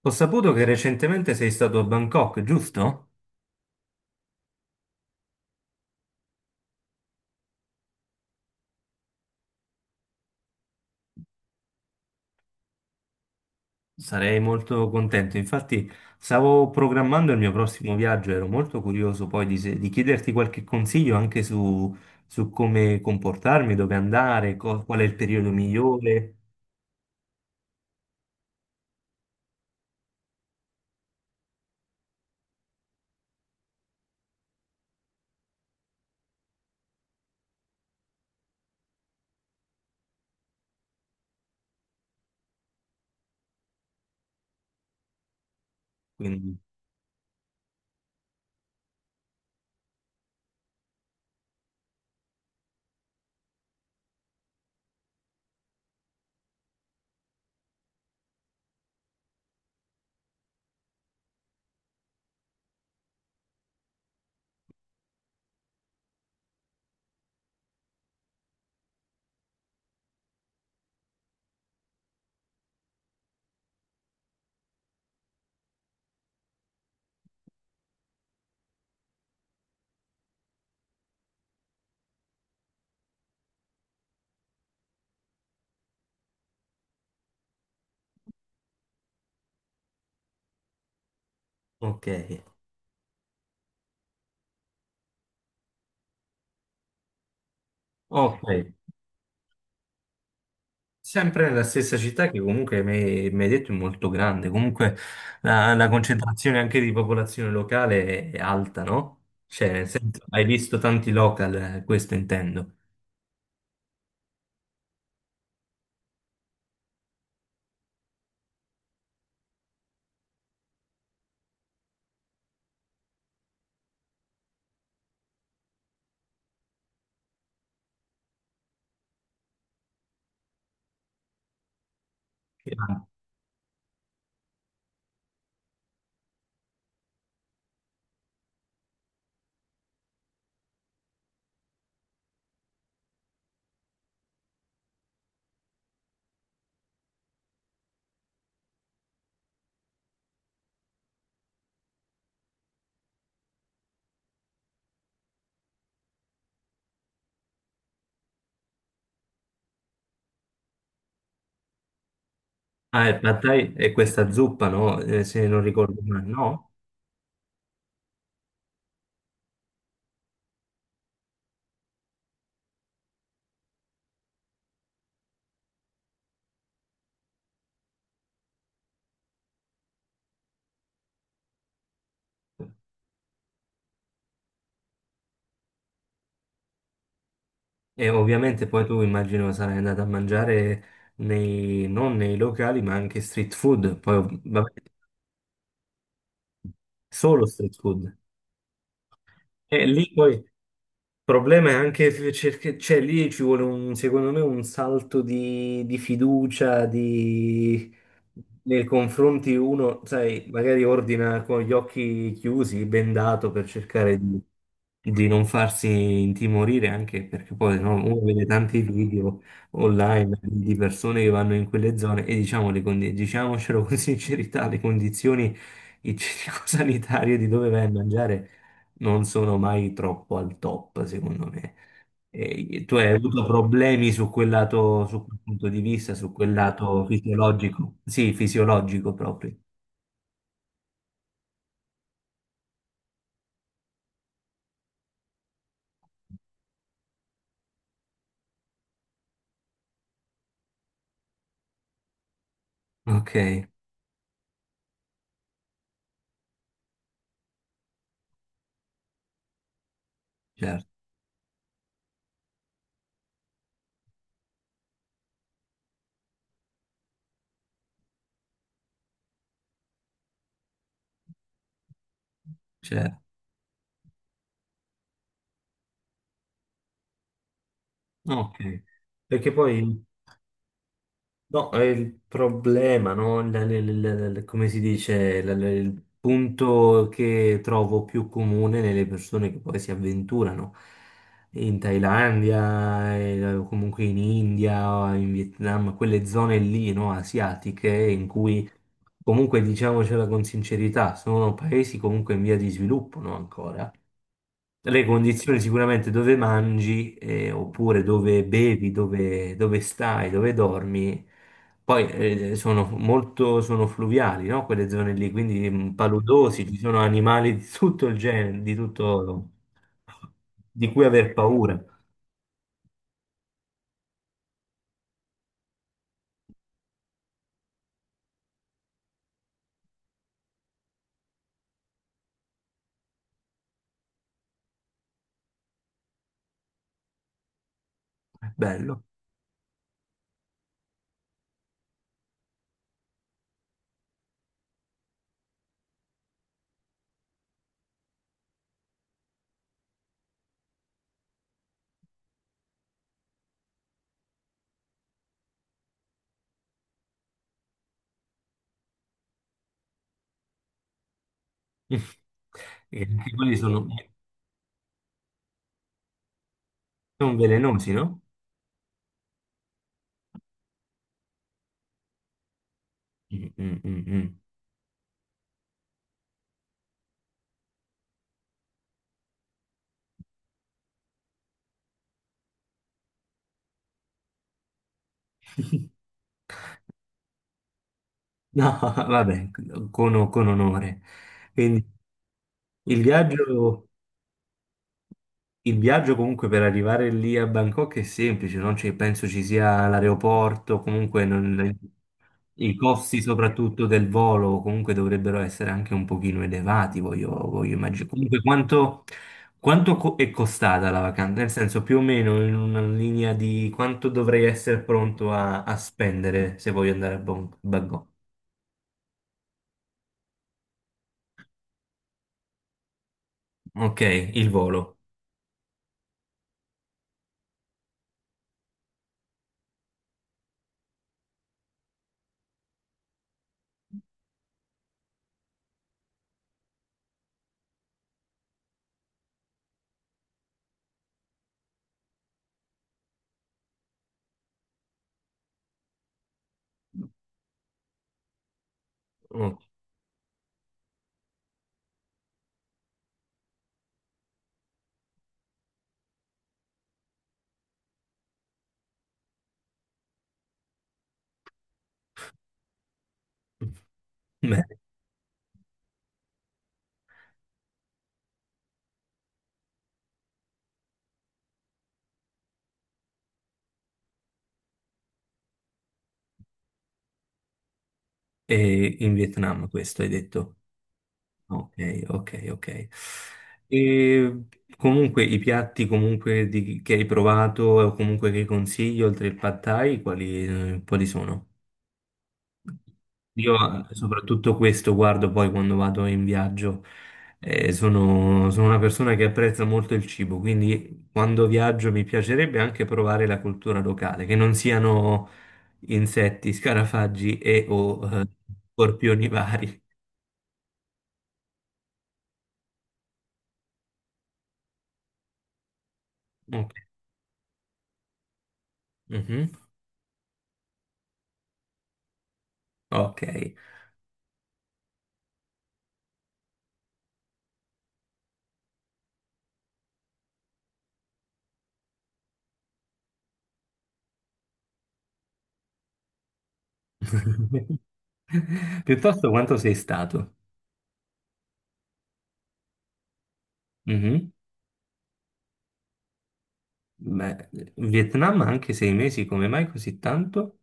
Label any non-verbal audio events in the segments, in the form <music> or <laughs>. Ho saputo che recentemente sei stato a Bangkok, giusto? Sarei molto contento. Infatti, stavo programmando il mio prossimo viaggio, ero molto curioso poi di, se- di chiederti qualche consiglio anche su come comportarmi, dove andare, qual è il periodo migliore. Quindi, ok, ok. Sempre nella stessa città che comunque mi hai detto è molto grande, comunque la concentrazione anche di popolazione locale è alta, no? Cioè, nel senso, hai visto tanti local, questo intendo. Ah, il pad thai è questa zuppa, no? Se non ricordo male, no? E ovviamente poi tu immagino sarai andato a mangiare non nei locali, ma anche street food, poi vabbè, solo street food. E lì poi il problema è anche cioè lì ci vuole un, secondo me, un salto di fiducia nei confronti uno, sai, magari ordina con gli occhi chiusi, bendato per cercare di non farsi intimorire, anche perché poi no, uno vede tanti video online di persone che vanno in quelle zone e diciamo diciamocelo con <laughs> sincerità, le condizioni igienico-sanitarie di dove vai a mangiare non sono mai troppo al top, secondo me. E tu hai avuto problemi su quel lato, su quel punto di vista, su quel lato fisiologico? Sì, fisiologico proprio. Ok, certo, certo. Ok. Perché poi no, è il problema, no? Come si dice, il punto che trovo più comune nelle persone che poi si avventurano in Thailandia, o comunque in India, o in Vietnam, quelle zone lì, no? Asiatiche, in cui comunque diciamocela con sincerità, sono paesi comunque in via di sviluppo, no? Ancora le condizioni sicuramente dove mangi, oppure dove bevi, dove stai, dove dormi, poi sono fluviali, no? Quelle zone lì, quindi paludosi, ci sono animali di tutto il genere, di tutto, di cui aver paura. Bello. <laughs> E anche quelli sono, sono velenosi, no? Mm, mm, mm, mm. <laughs> No, vabbè, con onore. Quindi il viaggio. Il viaggio comunque per arrivare lì a Bangkok è semplice, non c'è- penso ci sia l'aeroporto, comunque i costi soprattutto del volo comunque dovrebbero essere anche un pochino elevati, voglio immaginare. Comunque quanto, è costata la vacanza? Nel senso, più o meno, in una linea di quanto dovrei essere pronto a spendere se voglio andare a Bangkok. Ok, il volo. Oh, bene. E <laughs> in Vietnam questo hai detto. Ok, ok, ok. E comunque i piatti comunque che hai provato o comunque che consigli oltre il pad thai, quali, quali sono? Io soprattutto questo guardo poi quando vado in viaggio. Sono una persona che apprezza molto il cibo, quindi quando viaggio mi piacerebbe anche provare la cultura locale, che non siano insetti, scarafaggi o scorpioni vari. Ok. Mhm. Ok. <laughs> Piuttosto quanto sei stato? Mhm. Beh, Vietnam anche 6 mesi, come mai così tanto?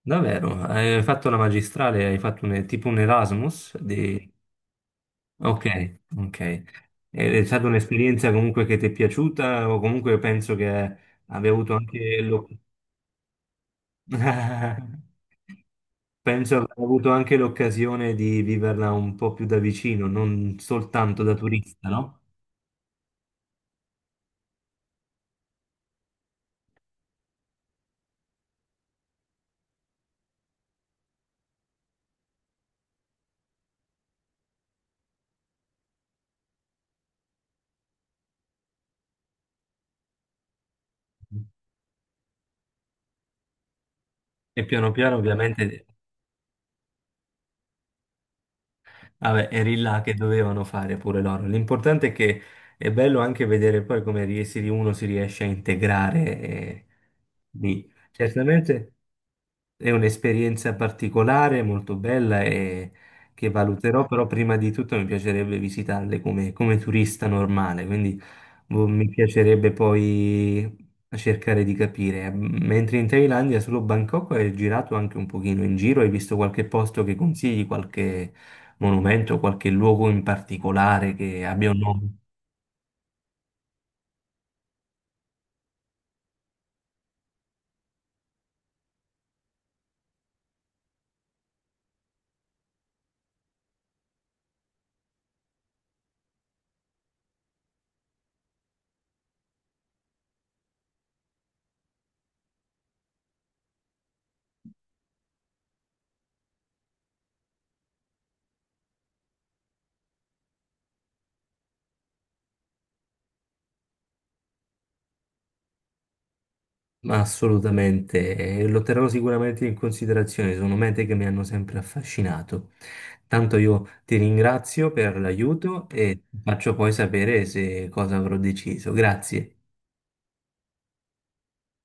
Davvero? Hai fatto la magistrale, hai fatto tipo un Erasmus? Ok, ok. È stata un'esperienza comunque che ti è piaciuta o comunque penso che abbia avuto anche <laughs> penso abbia avuto anche l'occasione di viverla un po' più da vicino, non soltanto da turista, no? E piano piano ovviamente, vabbè, eri là che dovevano fare pure loro. L'importante è che è bello anche vedere poi come uno si riesce a integrare, lì. Certamente, è un'esperienza particolare, molto bella, e che valuterò, però prima di tutto mi piacerebbe visitarle come, come turista normale, quindi boh, mi piacerebbe poi cercare di capire. Mentre in Thailandia, solo Bangkok, hai girato anche un pochino in giro, hai visto qualche posto che consigli, qualche monumento, qualche luogo in particolare che abbia un nome? Ma assolutamente, lo terrò sicuramente in considerazione, sono mete che mi hanno sempre affascinato. Tanto io ti ringrazio per l'aiuto e ti faccio poi sapere se cosa avrò deciso. Grazie.